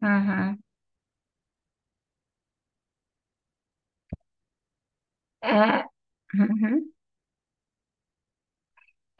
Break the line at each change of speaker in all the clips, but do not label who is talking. Hı hı. Ee, hı hı.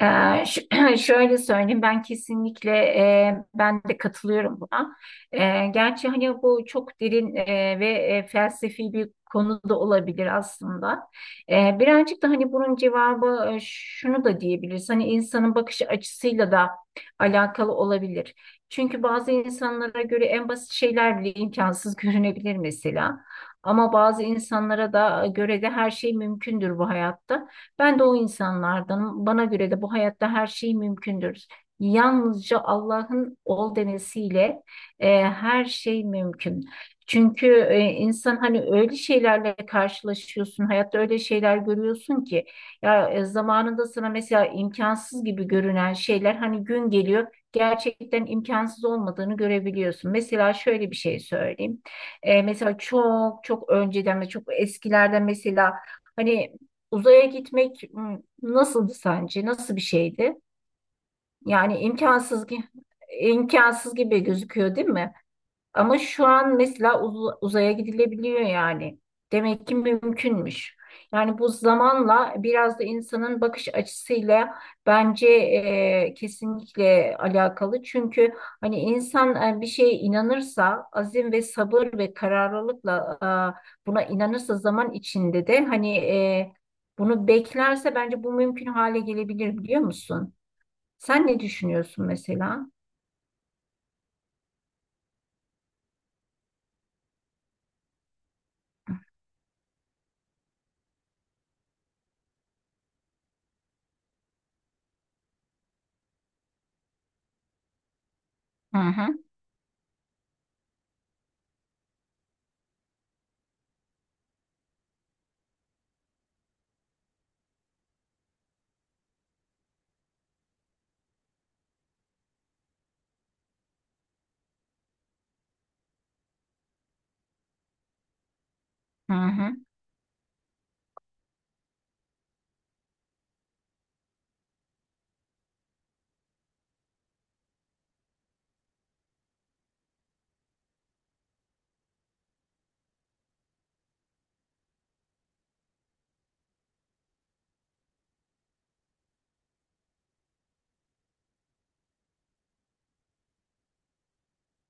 Ee, ş- Şöyle söyleyeyim, ben kesinlikle ben de katılıyorum buna. Gerçi hani bu çok derin ve felsefi bir konu da olabilir aslında. Birazcık da hani bunun cevabı şunu da diyebiliriz. Hani insanın bakış açısıyla da alakalı olabilir. Çünkü bazı insanlara göre en basit şeyler bile imkansız görünebilir mesela. Ama bazı insanlara da göre de her şey mümkündür bu hayatta. Ben de o insanlardanım. Bana göre de bu hayatta her şey mümkündür. Yalnızca Allah'ın ol demesiyle her şey mümkün. Çünkü insan hani öyle şeylerle karşılaşıyorsun, hayatta öyle şeyler görüyorsun ki ya zamanında sana mesela imkansız gibi görünen şeyler hani gün geliyor gerçekten imkansız olmadığını görebiliyorsun. Mesela şöyle bir şey söyleyeyim. Mesela çok çok önceden ve çok eskilerden mesela hani uzaya gitmek nasıldı sence? Nasıl bir şeydi? Yani imkansız gi- imkansız gibi gözüküyor, değil mi? Ama şu an mesela uzaya gidilebiliyor yani. Demek ki mümkünmüş. Yani bu zamanla biraz da insanın bakış açısıyla bence kesinlikle alakalı. Çünkü hani insan bir şeye inanırsa, azim ve sabır ve kararlılıkla buna inanırsa zaman içinde de hani bunu beklerse bence bu mümkün hale gelebilir, biliyor musun? Sen ne düşünüyorsun mesela? Hı hı, hı hı,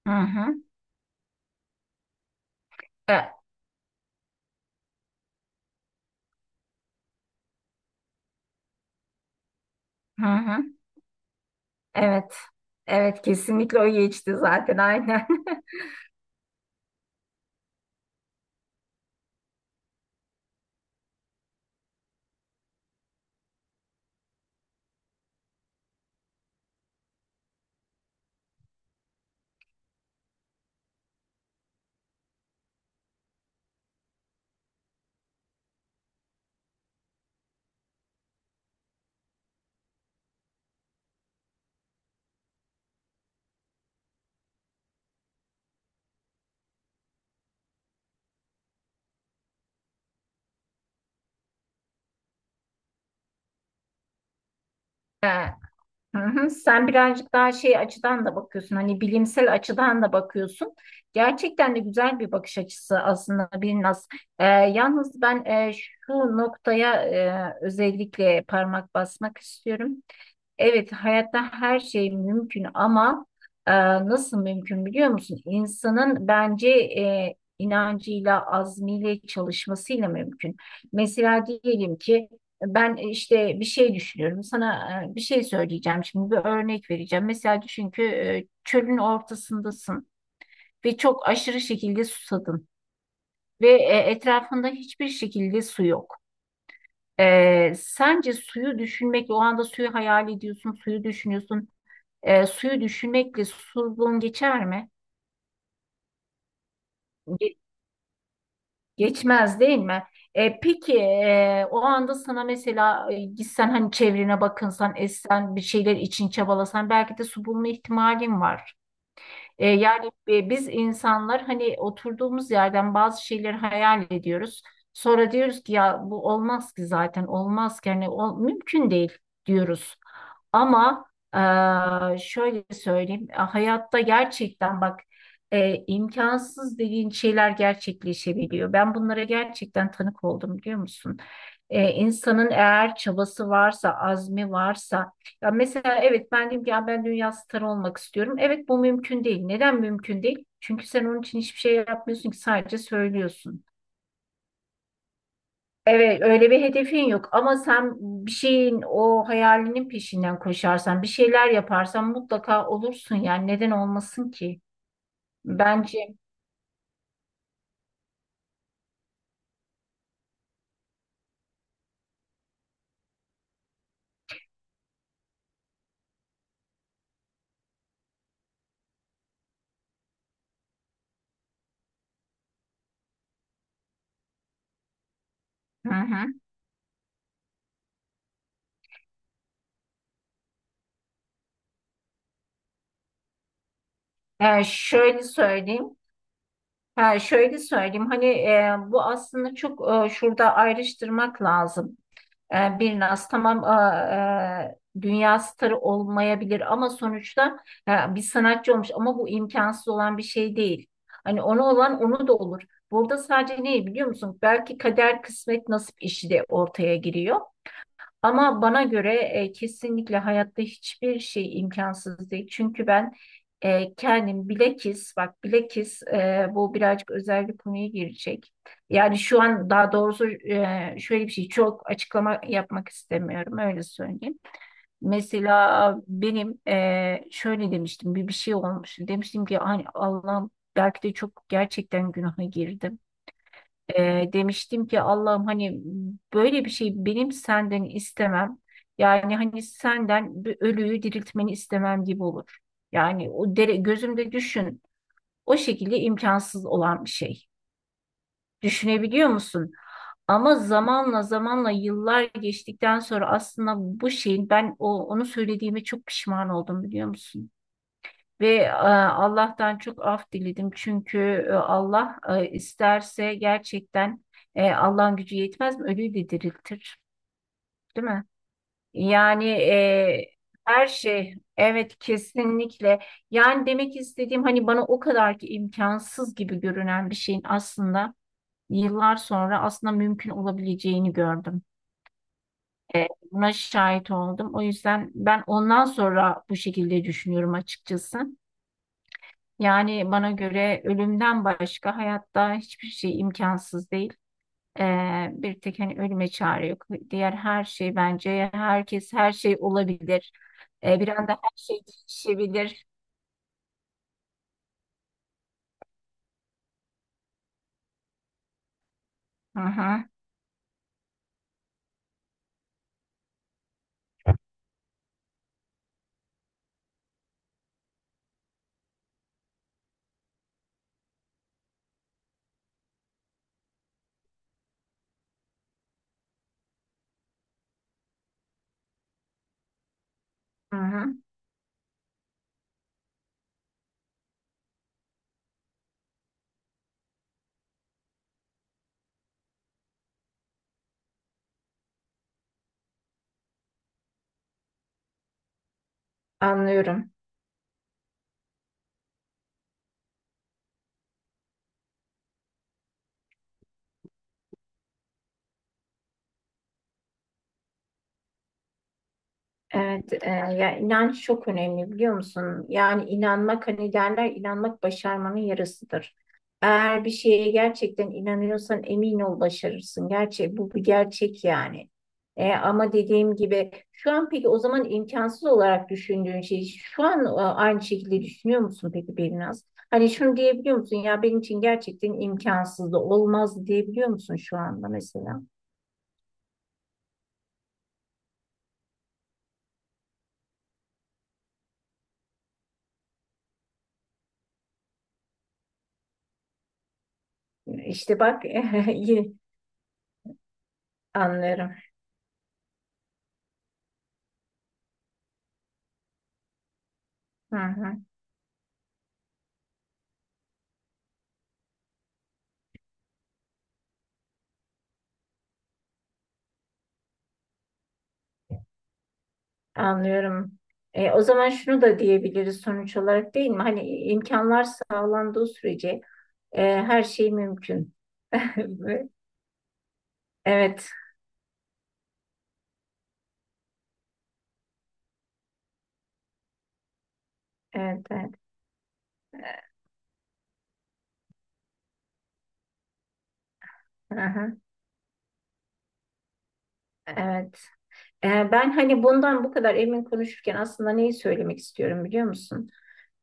hı hı. E, hı hı. Evet. Evet, kesinlikle o geçti zaten, aynen. Ha, hı hı. Sen birazcık daha şey açıdan da bakıyorsun. Hani bilimsel açıdan da bakıyorsun. Gerçekten de güzel bir bakış açısı aslında Birnaz. Yalnız ben şu noktaya özellikle parmak basmak istiyorum. Evet, hayatta her şey mümkün ama e, nasıl mümkün biliyor musun? İnsanın bence inancıyla, azmiyle, çalışmasıyla mümkün. Mesela diyelim ki ben işte bir şey düşünüyorum. Sana bir şey söyleyeceğim şimdi, bir örnek vereceğim. Mesela düşün ki çölün ortasındasın ve çok aşırı şekilde susadın ve etrafında hiçbir şekilde su yok. Sence suyu düşünmekle o anda suyu hayal ediyorsun, suyu düşünüyorsun. Suyu düşünmekle susuzluğun geçer mi? Geçmez değil mi? Peki o anda sana mesela gitsen hani çevrene bakınsan, etsen, bir şeyler için çabalasan belki de su bulma ihtimalin var. Yani biz insanlar hani oturduğumuz yerden bazı şeyleri hayal ediyoruz. Sonra diyoruz ki ya bu olmaz ki zaten, olmaz ki hani mümkün değil diyoruz. Ama şöyle söyleyeyim, hayatta gerçekten bak, imkansız dediğin şeyler gerçekleşebiliyor. Ben bunlara gerçekten tanık oldum, biliyor musun? İnsanın eğer çabası varsa, azmi varsa, ya mesela evet ben diyeyim ki ya ben dünya starı olmak istiyorum. Evet, bu mümkün değil. Neden mümkün değil? Çünkü sen onun için hiçbir şey yapmıyorsun ki, sadece söylüyorsun. Evet öyle bir hedefin yok ama sen bir şeyin, o hayalinin peşinden koşarsan, bir şeyler yaparsan mutlaka olursun yani, neden olmasın ki? Bence hı hı. Şöyle söyleyeyim. Ha, şöyle söyleyeyim hani bu aslında çok şurada ayrıştırmak lazım. Bir Naz tamam dünya starı olmayabilir ama sonuçta bir sanatçı olmuş ama bu imkansız olan bir şey değil. Hani onu olan onu da olur. Burada sadece ne biliyor musun? Belki kader, kısmet, nasip işi de ortaya giriyor. Ama bana göre kesinlikle hayatta hiçbir şey imkansız değil. Çünkü ben kendim bilekis, bak bilekis, bu birazcık özel bir konuya girecek. Yani şu an daha doğrusu şöyle bir şey, çok açıklama yapmak istemiyorum öyle söyleyeyim. Mesela benim şöyle demiştim, bir şey olmuş. Demiştim ki hani Allah'ım, belki de çok gerçekten günaha girdim. Demiştim ki Allah'ım hani böyle bir şey benim senden istemem. Yani hani senden bir ölüyü diriltmeni istemem gibi olur. Yani o gözümde düşün. O şekilde imkansız olan bir şey. Düşünebiliyor musun? Ama zamanla, zamanla yıllar geçtikten sonra aslında bu şeyin ben onu söylediğime çok pişman oldum, biliyor musun? Ve Allah'tan çok af diledim çünkü Allah isterse gerçekten Allah'ın gücü yetmez mi? Ölüyü de diriltir, değil mi? Yani her şey, evet kesinlikle. Yani demek istediğim hani bana o kadar ki imkansız gibi görünen bir şeyin aslında yıllar sonra aslında mümkün olabileceğini gördüm. E, buna şahit oldum. O yüzden ben ondan sonra bu şekilde düşünüyorum açıkçası. Yani bana göre ölümden başka hayatta hiçbir şey imkansız değil. Bir tek hani ölüme çare yok. Diğer her şey, bence herkes her şey olabilir. Bir anda her şey değişebilir. Hı hı, hı hı. Anlıyorum. Evet, ya inanç çok önemli biliyor musun? Yani inanmak, hani derler, inanmak başarmanın yarısıdır. Eğer bir şeye gerçekten inanıyorsan emin ol başarırsın. Gerçek bu, bir gerçek yani. Ama dediğim gibi şu an peki o zaman imkansız olarak düşündüğün şey şu an aynı şekilde düşünüyor musun peki Berinaz? Hani şunu diyebiliyor musun ya benim için gerçekten imkansız olmaz diyebiliyor musun şu anda mesela? İşte bak yine anlıyorum. Hı hı. Anlıyorum. O zaman şunu da diyebiliriz sonuç olarak değil mi? Hani imkanlar sağlandığı sürece her şey mümkün. Evet, evet, evet. Aha, evet. Ben hani bundan bu kadar emin konuşurken aslında neyi söylemek istiyorum biliyor musun?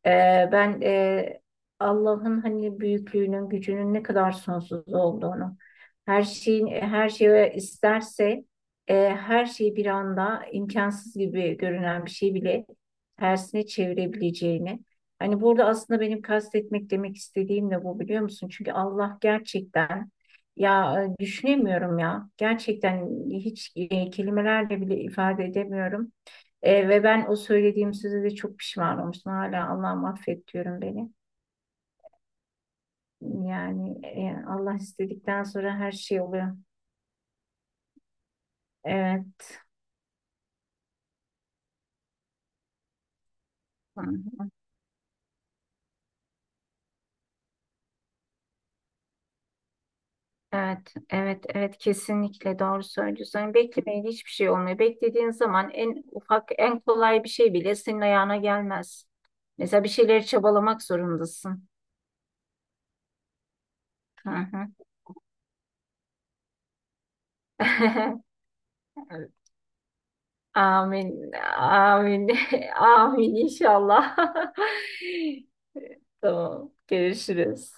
Ben Allah'ın hani büyüklüğünün, gücünün ne kadar sonsuz olduğunu, her şeyin her şeye isterse her şeyi bir anda imkansız gibi görünen bir şey bile tersine çevirebileceğini. Hani burada aslında benim kastetmek demek istediğim de bu, biliyor musun? Çünkü Allah gerçekten ya düşünemiyorum ya. Gerçekten hiç kelimelerle bile ifade edemiyorum. Ve ben o söylediğim sözü de çok pişman olmuştum. Hala Allah'ım affet diyorum beni. Yani Allah istedikten sonra her şey oluyor. Evet. Hı hı. Evet, evet, evet kesinlikle doğru söylüyorsun. Yani beklemeyle hiçbir şey olmuyor. Beklediğin zaman en ufak, en kolay bir şey bile senin ayağına gelmez. Mesela bir şeyleri çabalamak zorundasın. Hı hı. Amin. Amin. Amin inşallah. Tamam. Görüşürüz.